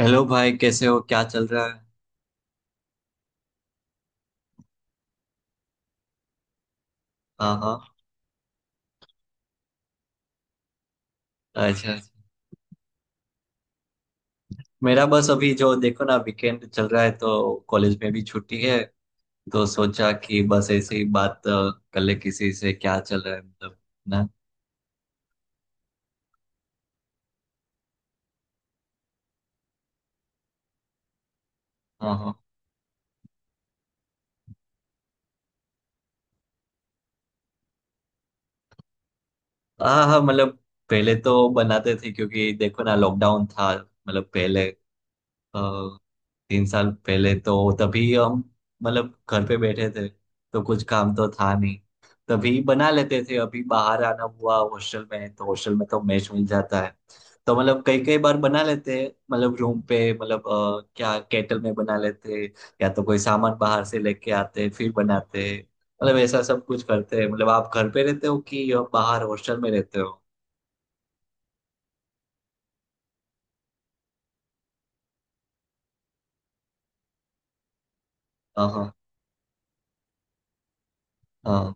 Hello भाई, कैसे हो? क्या चल रहा है? हाँ हाँ। अच्छा अच्छा। मेरा बस अभी जो देखो ना वीकेंड चल रहा है तो कॉलेज में भी छुट्टी है। तो सोचा कि बस ऐसे ही बात कर ले किसी से, क्या चल रहा है मतलब ना। हाँ हाँ। हाँ हाँ मतलब पहले तो बनाते थे क्योंकि देखो ना लॉकडाउन था मतलब पहले अ, 3 साल पहले। तो तभी हम मतलब घर पे बैठे थे तो कुछ काम तो था नहीं, तभी बना लेते थे। अभी बाहर आना हुआ, हॉस्टल में है, तो हॉस्टल में तो मैच मिल जाता है। तो मतलब कई कई बार बना लेते हैं मतलब रूम पे मतलब क्या केटल में बना लेते हैं, या तो कोई सामान बाहर से लेके आते हैं, फिर बनाते हैं। मतलब ऐसा सब कुछ करते हैं। मतलब आप घर पे रहते हो कि बाहर हॉस्टल में रहते हो? हाँ हाँ। हाँ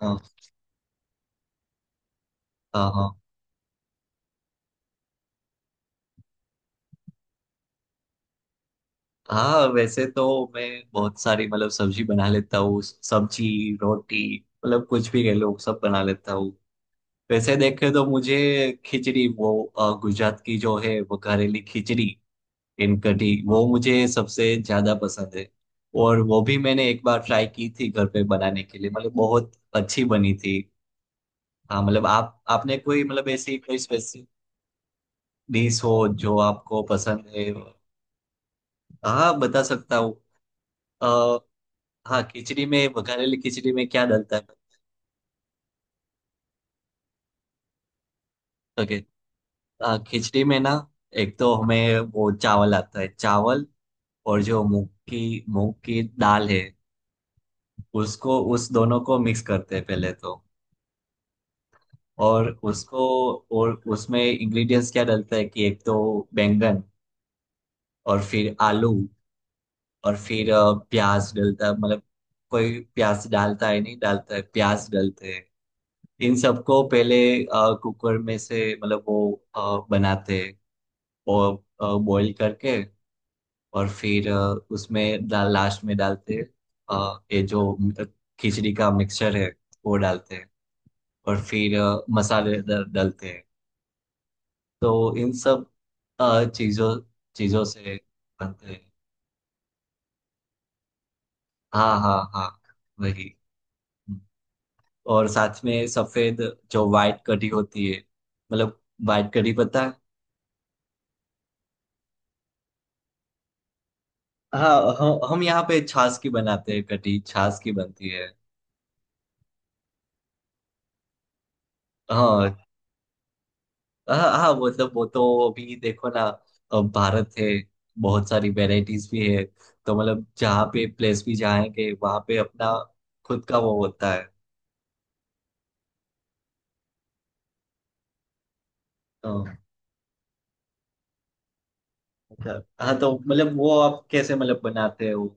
हाँ। हाँ हाँ। हाँ वैसे तो मैं बहुत सारी मतलब सब्जी बना लेता हूँ। सब्जी, रोटी, मतलब कुछ भी कह लो सब बना लेता हूँ। वैसे देखे तो मुझे खिचड़ी, वो गुजरात की जो है वो करेली खिचड़ी इन कढ़ी, वो मुझे सबसे ज्यादा पसंद है। और वो भी मैंने एक बार ट्राई की थी घर पे बनाने के लिए, मतलब बहुत अच्छी बनी थी। हाँ मतलब आप आपने कोई मतलब ऐसी कोई स्पेसिफिक डिश हो जो आपको पसंद है? हाँ, बता सकता हूँ। हाँ खिचड़ी में, बघारेली खिचड़ी में क्या डलता है। ओके। हाँ खिचड़ी में ना, एक तो हमें वो चावल आता है चावल, और जो मूंग की दाल है, उसको उस दोनों को मिक्स करते हैं पहले तो। और उसको, और उसमें इंग्रेडिएंट्स क्या डलता है कि एक तो बैंगन, और फिर आलू, और फिर प्याज डलता है। मतलब कोई प्याज डालता है, नहीं डालता है, प्याज डलते हैं। इन सबको पहले कुकर में से मतलब वो बनाते हैं, और बॉईल करके और फिर उसमें डाल, लास्ट में डालते हैं ये जो खिचड़ी का मिक्सचर है वो डालते हैं। और फिर मसाले डालते हैं। तो इन सब चीजों चीजों से बनते हैं। हाँ हाँ हाँ, वही। और साथ में सफेद जो वाइट कढ़ी होती है, मतलब वाइट कढ़ी पता है। हाँ हम यहाँ पे छाछ की बनाते हैं, कढ़ी छाछ की बनती है। हाँ हाँ। हाँ मतलब वो तो अभी देखो ना, भारत है, बहुत सारी वैरायटीज भी है। तो मतलब जहाँ पे प्लेस भी जाएंगे, वहाँ पे अपना खुद का वो होता है। हाँ। हाँ, तो मतलब वो आप कैसे मतलब बनाते हो?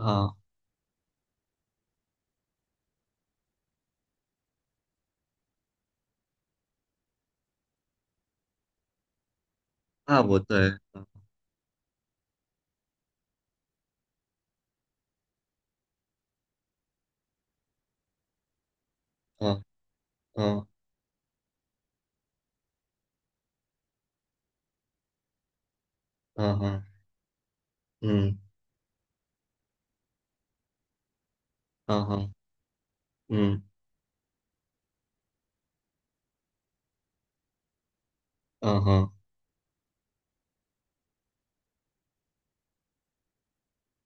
हाँ हाँ वो तो है। हाँ हाँ। हाँ हाँ हाँ, हम्म। हाँ हाँ। हम्म। हाँ हाँ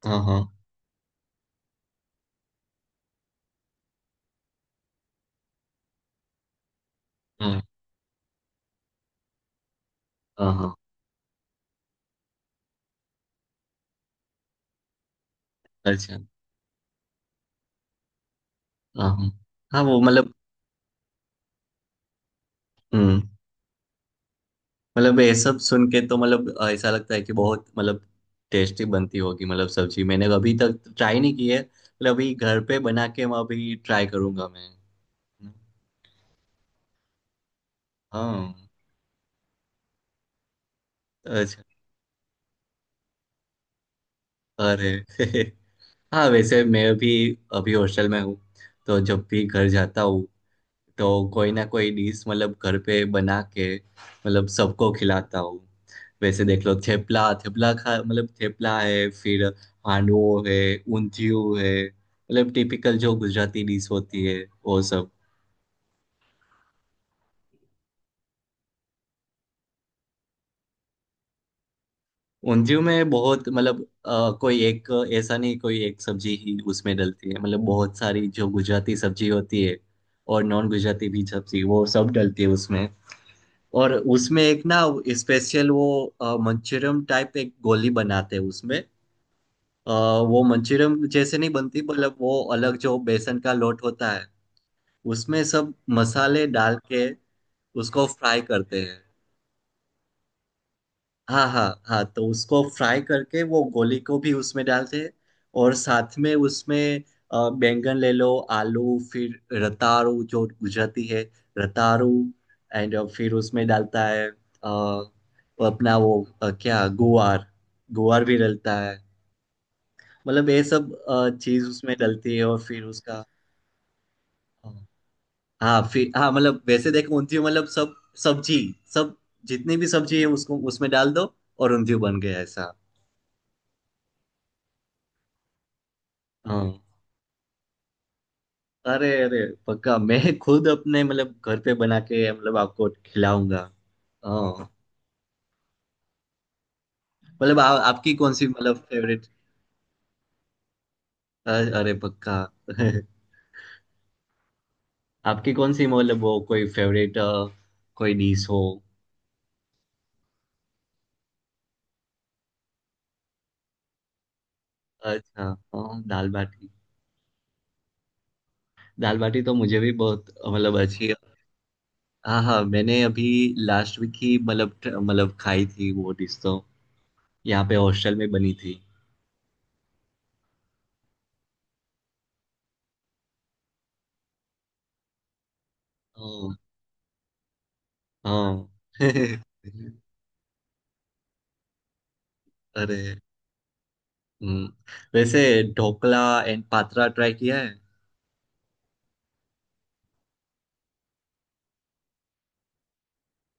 हाँ हाँ। हाँ हाँ हाँ, अच्छा। हाँ हाँ हाँ, वो मतलब। मतलब ये सब सुन के तो मतलब ऐसा लगता है कि बहुत मतलब टेस्टी बनती होगी मतलब सब्जी। मैंने अभी तक ट्राई नहीं की है, मतलब अभी घर पे बना के मैं अभी ट्राई करूंगा मैं। हाँ। अच्छा। अरे हाँ वैसे मैं भी अभी हॉस्टल में हूँ, तो जब भी घर जाता हूँ तो कोई ना कोई डिश मतलब घर पे बना के मतलब सबको खिलाता हूँ। वैसे देख लो, थेपला, थेपला खा मतलब थेपला है, फिर हांडवो है, ऊंधियू है, मतलब टिपिकल जो गुजराती डिश होती है वो सब। ऊंधियू में बहुत मतलब कोई एक ऐसा नहीं, कोई एक सब्जी ही उसमें डलती है, मतलब बहुत सारी जो गुजराती सब्जी होती है और नॉन गुजराती भी सब्जी, वो सब डलती है उसमें। और उसमें एक ना, स्पेशल वो मंचूरियम टाइप एक गोली बनाते हैं उसमें। अ, वो मंचूरियम जैसे नहीं बनती, मतलब वो अलग जो बेसन का लोट होता है उसमें सब मसाले डाल के उसको फ्राई करते हैं। हाँ हाँ हाँ, तो उसको फ्राई करके वो गोली को भी उसमें डालते हैं। और साथ में उसमें बैंगन ले लो, आलू, फिर रताड़ू जो गुजराती है, रताड़ू, एंड फिर उसमें डालता है वो अपना वो क्या गुआर, गुआर भी डलता है। मतलब ये सब चीज उसमें डलती है और फिर उसका। हाँ फिर हाँ मतलब वैसे देखो ऊंधियो मतलब सब, सब्जी, सब, जितनी भी सब्जी है उसको उसमें डाल दो, और ऊंधियो बन गया ऐसा। हाँ। अरे अरे, पक्का मैं खुद अपने मतलब घर पे बना के मतलब आपको खिलाऊंगा। हाँ मतलब आपकी कौन सी मतलब फेवरेट। अरे पक्का। आपकी कौन सी मतलब वो कोई फेवरेट कोई डिश हो? अच्छा। हाँ दाल बाटी, दाल बाटी तो मुझे भी बहुत मतलब अच्छी है। हाँ हाँ मैंने अभी लास्ट वीक ही मतलब मतलब खाई थी वो डिश तो, यहाँ पे हॉस्टल में बनी थी। हाँ हाँ। अरे। हम्म, वैसे ढोकला एंड पात्रा ट्राई किया है?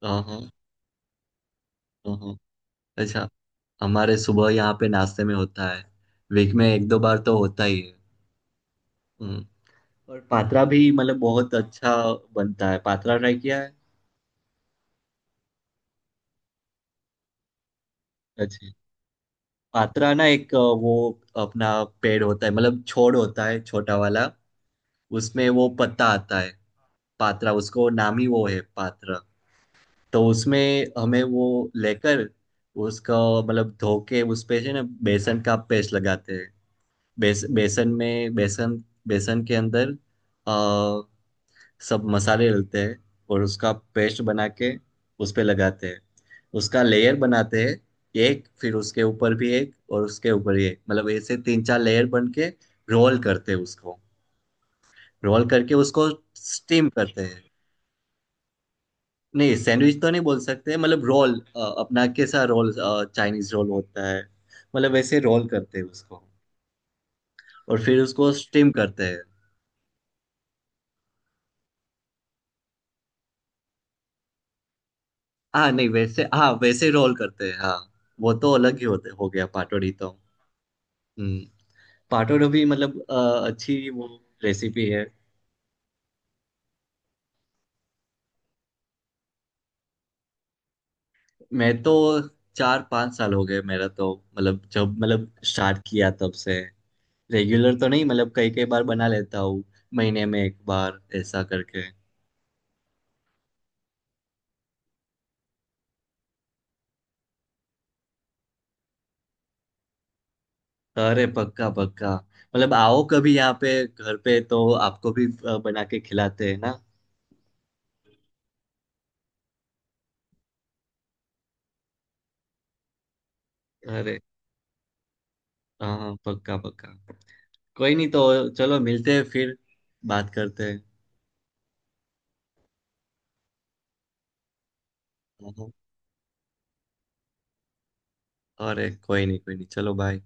हाँ हाँ हाँ, हाँ। अच्छा, हमारे सुबह यहाँ पे नाश्ते में होता है, वीक में 1-2 बार तो होता ही है। हम्म, और पात्रा भी मतलब बहुत अच्छा बनता है। पात्रा ट्राई किया है? अच्छा, पात्रा ना एक वो अपना पेड़ होता है मतलब छोड़ होता है छोटा वाला, उसमें वो पत्ता आता है, पात्रा उसको नाम ही वो है पात्रा। तो उसमें हमें वो लेकर उसका मतलब धो के उस पे है ना बेसन का पेस्ट लगाते हैं। बेसन में बेसन, बेसन के अंदर आ, सब मसाले डलते हैं, और उसका पेस्ट बना के उस पे लगाते हैं, उसका लेयर बनाते हैं एक, फिर उसके ऊपर भी एक, और उसके ऊपर भी एक, मतलब ऐसे 3-4 लेयर बन के रोल करते हैं उसको। रोल करके उसको स्टीम करते हैं। नहीं सैंडविच तो नहीं बोल सकते, मतलब रोल, अपना कैसा रोल, चाइनीज रोल होता है, मतलब वैसे रोल करते हैं उसको, और फिर उसको स्टीम करते हैं। हाँ नहीं वैसे, हाँ वैसे रोल करते हैं हाँ। वो तो अलग ही होते, हो गया पाटोड़ी तो। हम्म, पाटोड़ी भी मतलब अच्छी वो रेसिपी है। मैं तो 4-5 साल हो गए मेरा तो, मतलब जब मतलब स्टार्ट किया तब से। रेगुलर तो नहीं, मतलब कई कई बार बना लेता हूँ, महीने में 1 बार ऐसा करके। अरे पक्का पक्का, मतलब आओ कभी यहाँ पे घर पे तो आपको भी बना के खिलाते हैं ना। अरे हाँ हाँ, पक्का पक्का। कोई नहीं तो चलो मिलते हैं फिर, बात करते हैं। हाँ, हाँ। अरे कोई नहीं, कोई नहीं, चलो बाय।